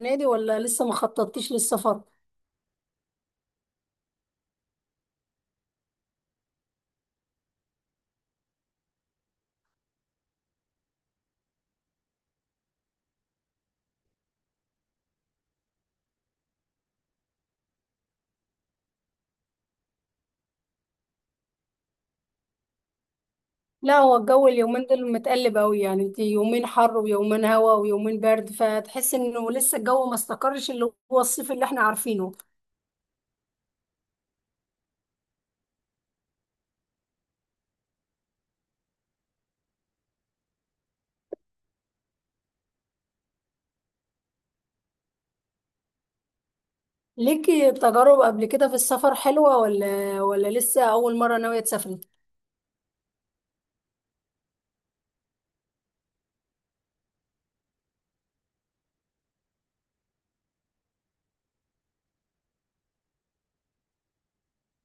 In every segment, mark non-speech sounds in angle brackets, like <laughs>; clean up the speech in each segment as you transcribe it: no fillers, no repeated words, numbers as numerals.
نادي ولا لسه ما خططتيش للسفر؟ لا، هو الجو اليومين دول متقلب قوي. يعني انت يومين حر ويومين هوا ويومين برد، فتحس انه لسه الجو ما استقرش، اللي هو الصيف اللي احنا عارفينه. ليكي تجارب قبل كده في السفر حلوة ولا لسه اول مرة ناوية تسافري؟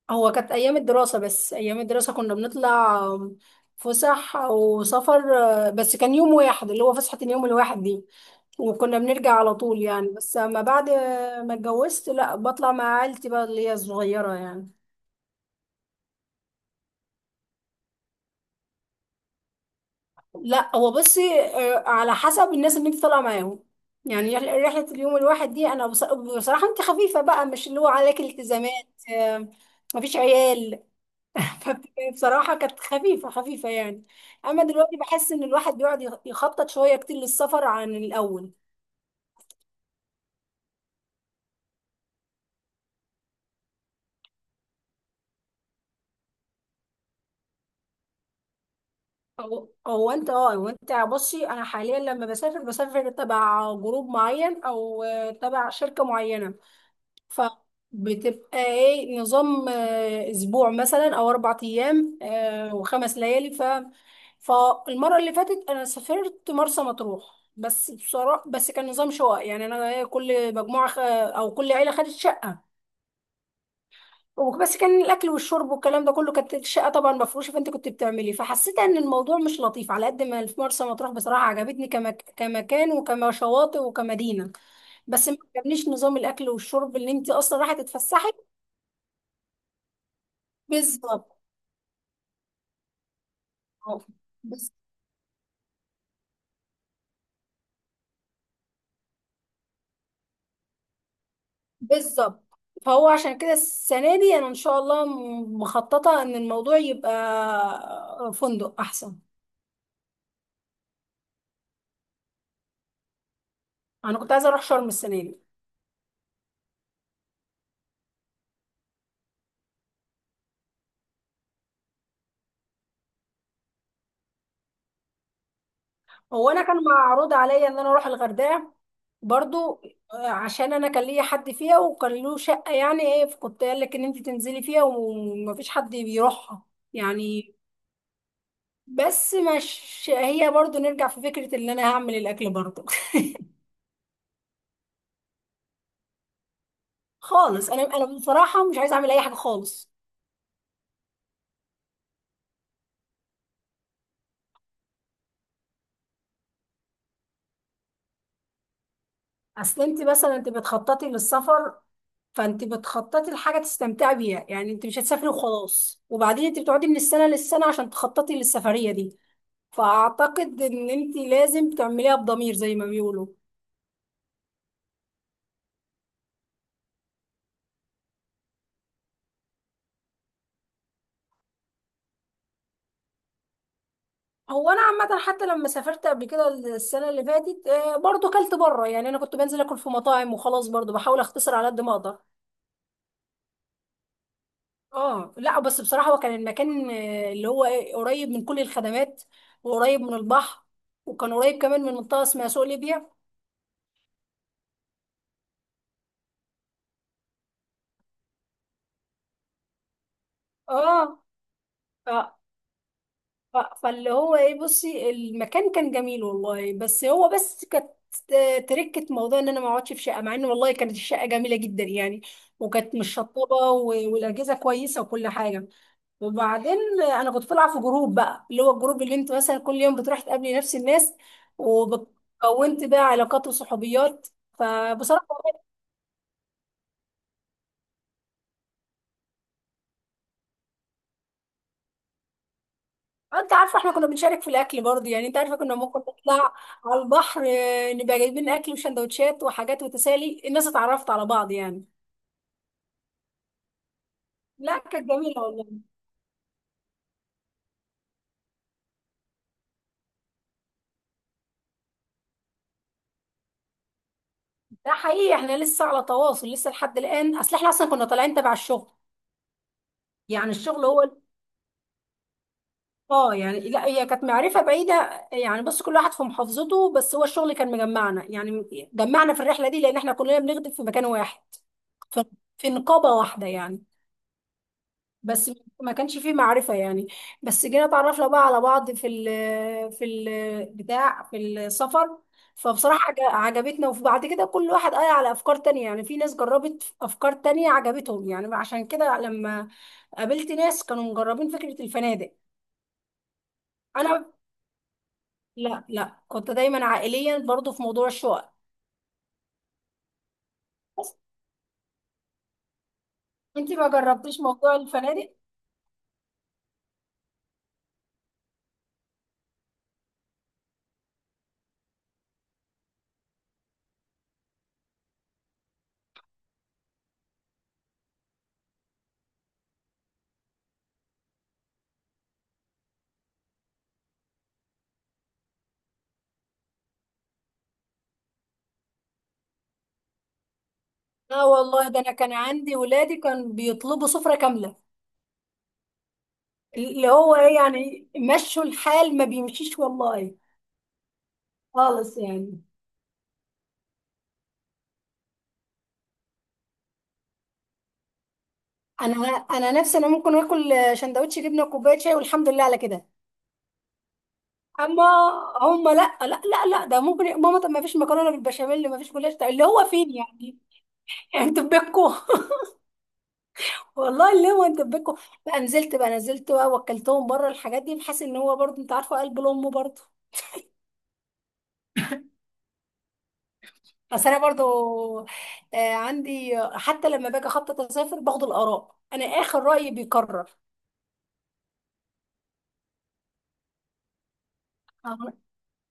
هو كانت ايام الدراسه، بس ايام الدراسه كنا بنطلع فسح او سفر، بس كان يوم واحد، اللي هو فسحه اليوم الواحد دي، وكنا بنرجع على طول يعني. بس اما بعد ما اتجوزت، لا، بطلع مع عيلتي بقى، اللي هي الصغيره يعني. لا، هو بصي، على حسب الناس اللي انت طالعه معاهم. يعني رحلة اليوم الواحد دي، انا بصراحه انت خفيفه بقى، مش اللي هو عليك التزامات، آه، مفيش عيال. <laughs> فبصراحة كانت خفيفة خفيفة يعني. أما دلوقتي بحس إن الواحد بيقعد يخطط شوية كتير للسفر عن الأول. هو أنت أه هو أنت بصي، أنا حاليا لما بسافر تبع جروب معين أو، تبع شركة معينة. فبتبقى ايه نظام، اسبوع مثلا او 4 ايام، و5 ليالي. فالمره اللي فاتت انا سافرت مرسى مطروح. بس بصراحه بس كان نظام شقق، يعني انا كل مجموعه او كل عيله خدت شقه. وبس كان الاكل والشرب والكلام ده كله، كانت الشقه طبعا مفروشه، فانت كنت بتعملي، فحسيت ان الموضوع مش لطيف. على قد ما في مرسى مطروح بصراحه عجبتني، كمكان وكما شواطئ وكمدينه، بس ما عجبنيش نظام الاكل والشرب، اللي انت اصلا رايحه تتفسحي. بالظبط. اه. بس- بالظبط. فهو عشان كده السنة دي أنا إن شاء الله مخططة إن الموضوع يبقى فندق أحسن. أنا كنت عايزة أروح شرم السنة دي. هو أنا كان معروض عليا إن أنا أروح الغردقة برضو، عشان أنا كان ليا حد فيها وكان له شقة، يعني فكنت قال لك إن أنت تنزلي فيها ومفيش حد بيروحها يعني. بس مش هي، برضو نرجع في فكرة إن أنا هعمل الأكل برضو. <laughs> خالص، أنا بصراحة مش عايزة أعمل أي حاجة خالص. اصل انت مثلا انت بتخططي للسفر، فانت بتخططي لحاجه تستمتعي بيها. يعني انت مش هتسافري وخلاص، وبعدين انت بتقعدي من السنه للسنه عشان تخططي للسفريه دي. فاعتقد ان انت لازم تعمليها بضمير زي ما بيقولوا. هو انا عامه حتى لما سافرت قبل كده السنه اللي فاتت، برضو كلت بره. يعني انا كنت بنزل اكل في مطاعم وخلاص، برضو بحاول اختصر على قد ما اقدر. اه، لا بس بصراحه هو كان المكان، اللي هو قريب من كل الخدمات، وقريب من البحر، وكان قريب كمان من منطقه اسمها سوق ليبيا. اه. ف... ف... فاللي هو ايه بصي، المكان كان جميل والله. بس هو بس كانت تركة موضوع ان انا ما اقعدش في شقه، مع ان والله كانت الشقه جميله جدا يعني، وكانت مشطبه، والاجهزه كويسه وكل حاجه. وبعدين انا كنت بلعب في جروب بقى، اللي هو الجروب اللي انت مثلا كل يوم بتروح تقابلي نفس الناس، وكونت بقى علاقات وصحوبيات. فبصراحه، انت عارفه احنا كنا بنشارك في الاكل برضه. يعني انت عارفه كنا ممكن نطلع على البحر، نبقى جايبين اكل وسندوتشات وحاجات، وتسالي، الناس اتعرفت على بعض يعني. لا كانت جميله والله. ده حقيقي، احنا لسه على تواصل لسه لحد الان. اصل احنا اصلا كنا طالعين تبع الشغل يعني، الشغل هو اه، يعني لا، هي كانت معرفه بعيده يعني، بس كل واحد في محافظته، بس هو الشغل كان مجمعنا يعني، جمعنا في الرحله دي لان احنا كلنا بنخدم في مكان واحد، ف- في نقابه واحده يعني. بس ما كانش فيه معرفة يعني. بس جينا اتعرفنا بقى على بعض في ال في ال بتاع في السفر. فبصراحة عجبتنا، وفي بعد كده كل واحد قال على أفكار تانية. يعني في ناس جربت أفكار تانية عجبتهم يعني، عشان كده لما قابلت ناس كانوا مجربين فكرة الفنادق. أنا لا، لا، كنت دايما عائليا برضو في موضوع الشقق. بس انت ما جربتيش موضوع الفنادق؟ لا والله، ده أنا كان عندي ولادي كان بيطلبوا سفرة كاملة. اللي هو ايه يعني مشوا الحال؟ ما بيمشيش والله خالص يعني. انا نفسي، انا ممكن اكل شندوتش جبنه وكوبايه شاي والحمد لله على كده. اما هم لا، لا، لا، لا، ده ممكن يا ماما طب ما فيش مكرونه بالبشاميل؟ ما فيش جلاش؟ طب اللي هو فين يعني؟ <laughs> يعني انتوا بكوا <laughs> والله اللي هو انتوا بكوا. بقى نزلت بقى واكلتهم بره الحاجات دي. بحس ان هو برضه، انت عارفه قلب الام برضه. بس انا برضه، عندي حتى لما باجي اخطط اسافر باخد الاراء، انا اخر رايي بيكرر.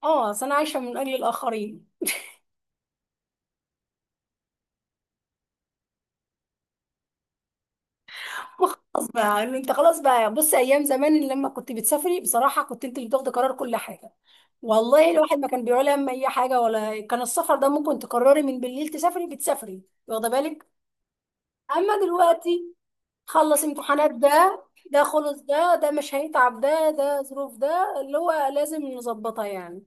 اه، اصل انا عايشه من اجل الاخرين. <laughs> خلاص بقى، بص ايام زمان لما كنت بتسافري بصراحه كنت انت اللي بتاخدي قرار كل حاجه. والله الواحد ما كان بيقول هم اي حاجه، ولا كان السفر ده ممكن تقرري من بالليل تسافري بتسافري، واخده بالك. اما دلوقتي، خلص امتحانات ده خلص، ده مش هيتعب، ده ظروف ده اللي هو لازم نظبطها يعني.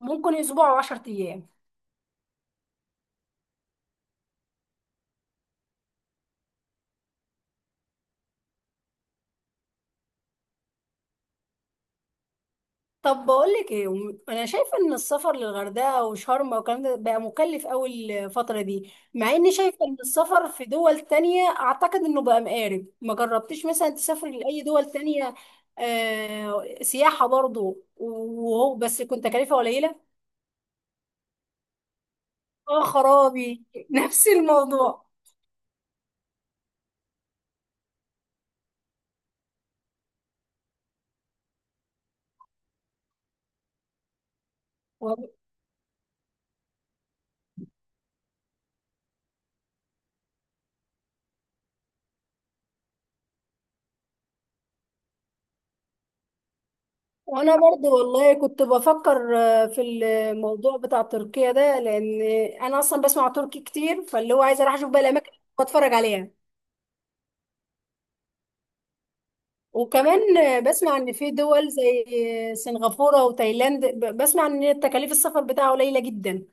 ممكن اسبوع و10 ايام. طب بقولك ايه، انا شايفه ان السفر للغردقه وشرم والكلام ده بقى مكلف قوي الفتره دي، مع اني شايفه ان السفر في دول تانية اعتقد انه بقى مقارب. ما جربتيش مثلا تسافري لاي دول تانية، آه سياحه برضو، وهو بس كنت تكلفه قليله؟ اه خرابي <laughs> نفس الموضوع. و- وانا برضو والله كنت بفكر، في الموضوع بتاع تركيا ده، لان انا اصلا بسمع تركي كتير، فاللي هو عايزه اروح اشوف بقى الاماكن واتفرج عليها. وكمان بسمع ان في دول زي سنغافورة وتايلاند، بسمع ان تكاليف السفر بتاعها قليلة جدا.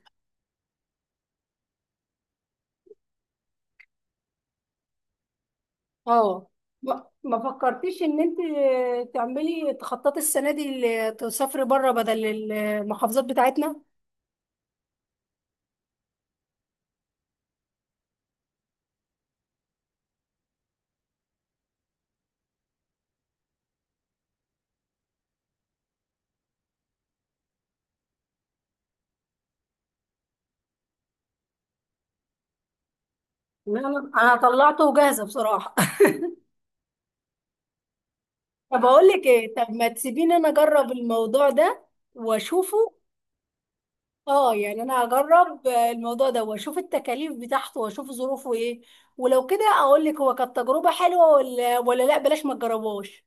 اه، ما فكرتيش ان انت تعملي تخططي السنة دي، تسافري بره بدل المحافظات بتاعتنا؟ لا، لا، انا طلعته وجاهزة بصراحة. <laughs> طب اقول لك ايه؟ طب ما تسيبيني انا اجرب الموضوع ده واشوفه. اه، يعني انا هجرب الموضوع ده واشوف التكاليف بتاعته واشوف ظروفه ايه، ولو كده اقول لك هو كانت تجربة حلوة ولا ولا لا بلاش ما تجربوش.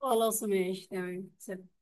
خلاص، ماشي، تمام، سلام.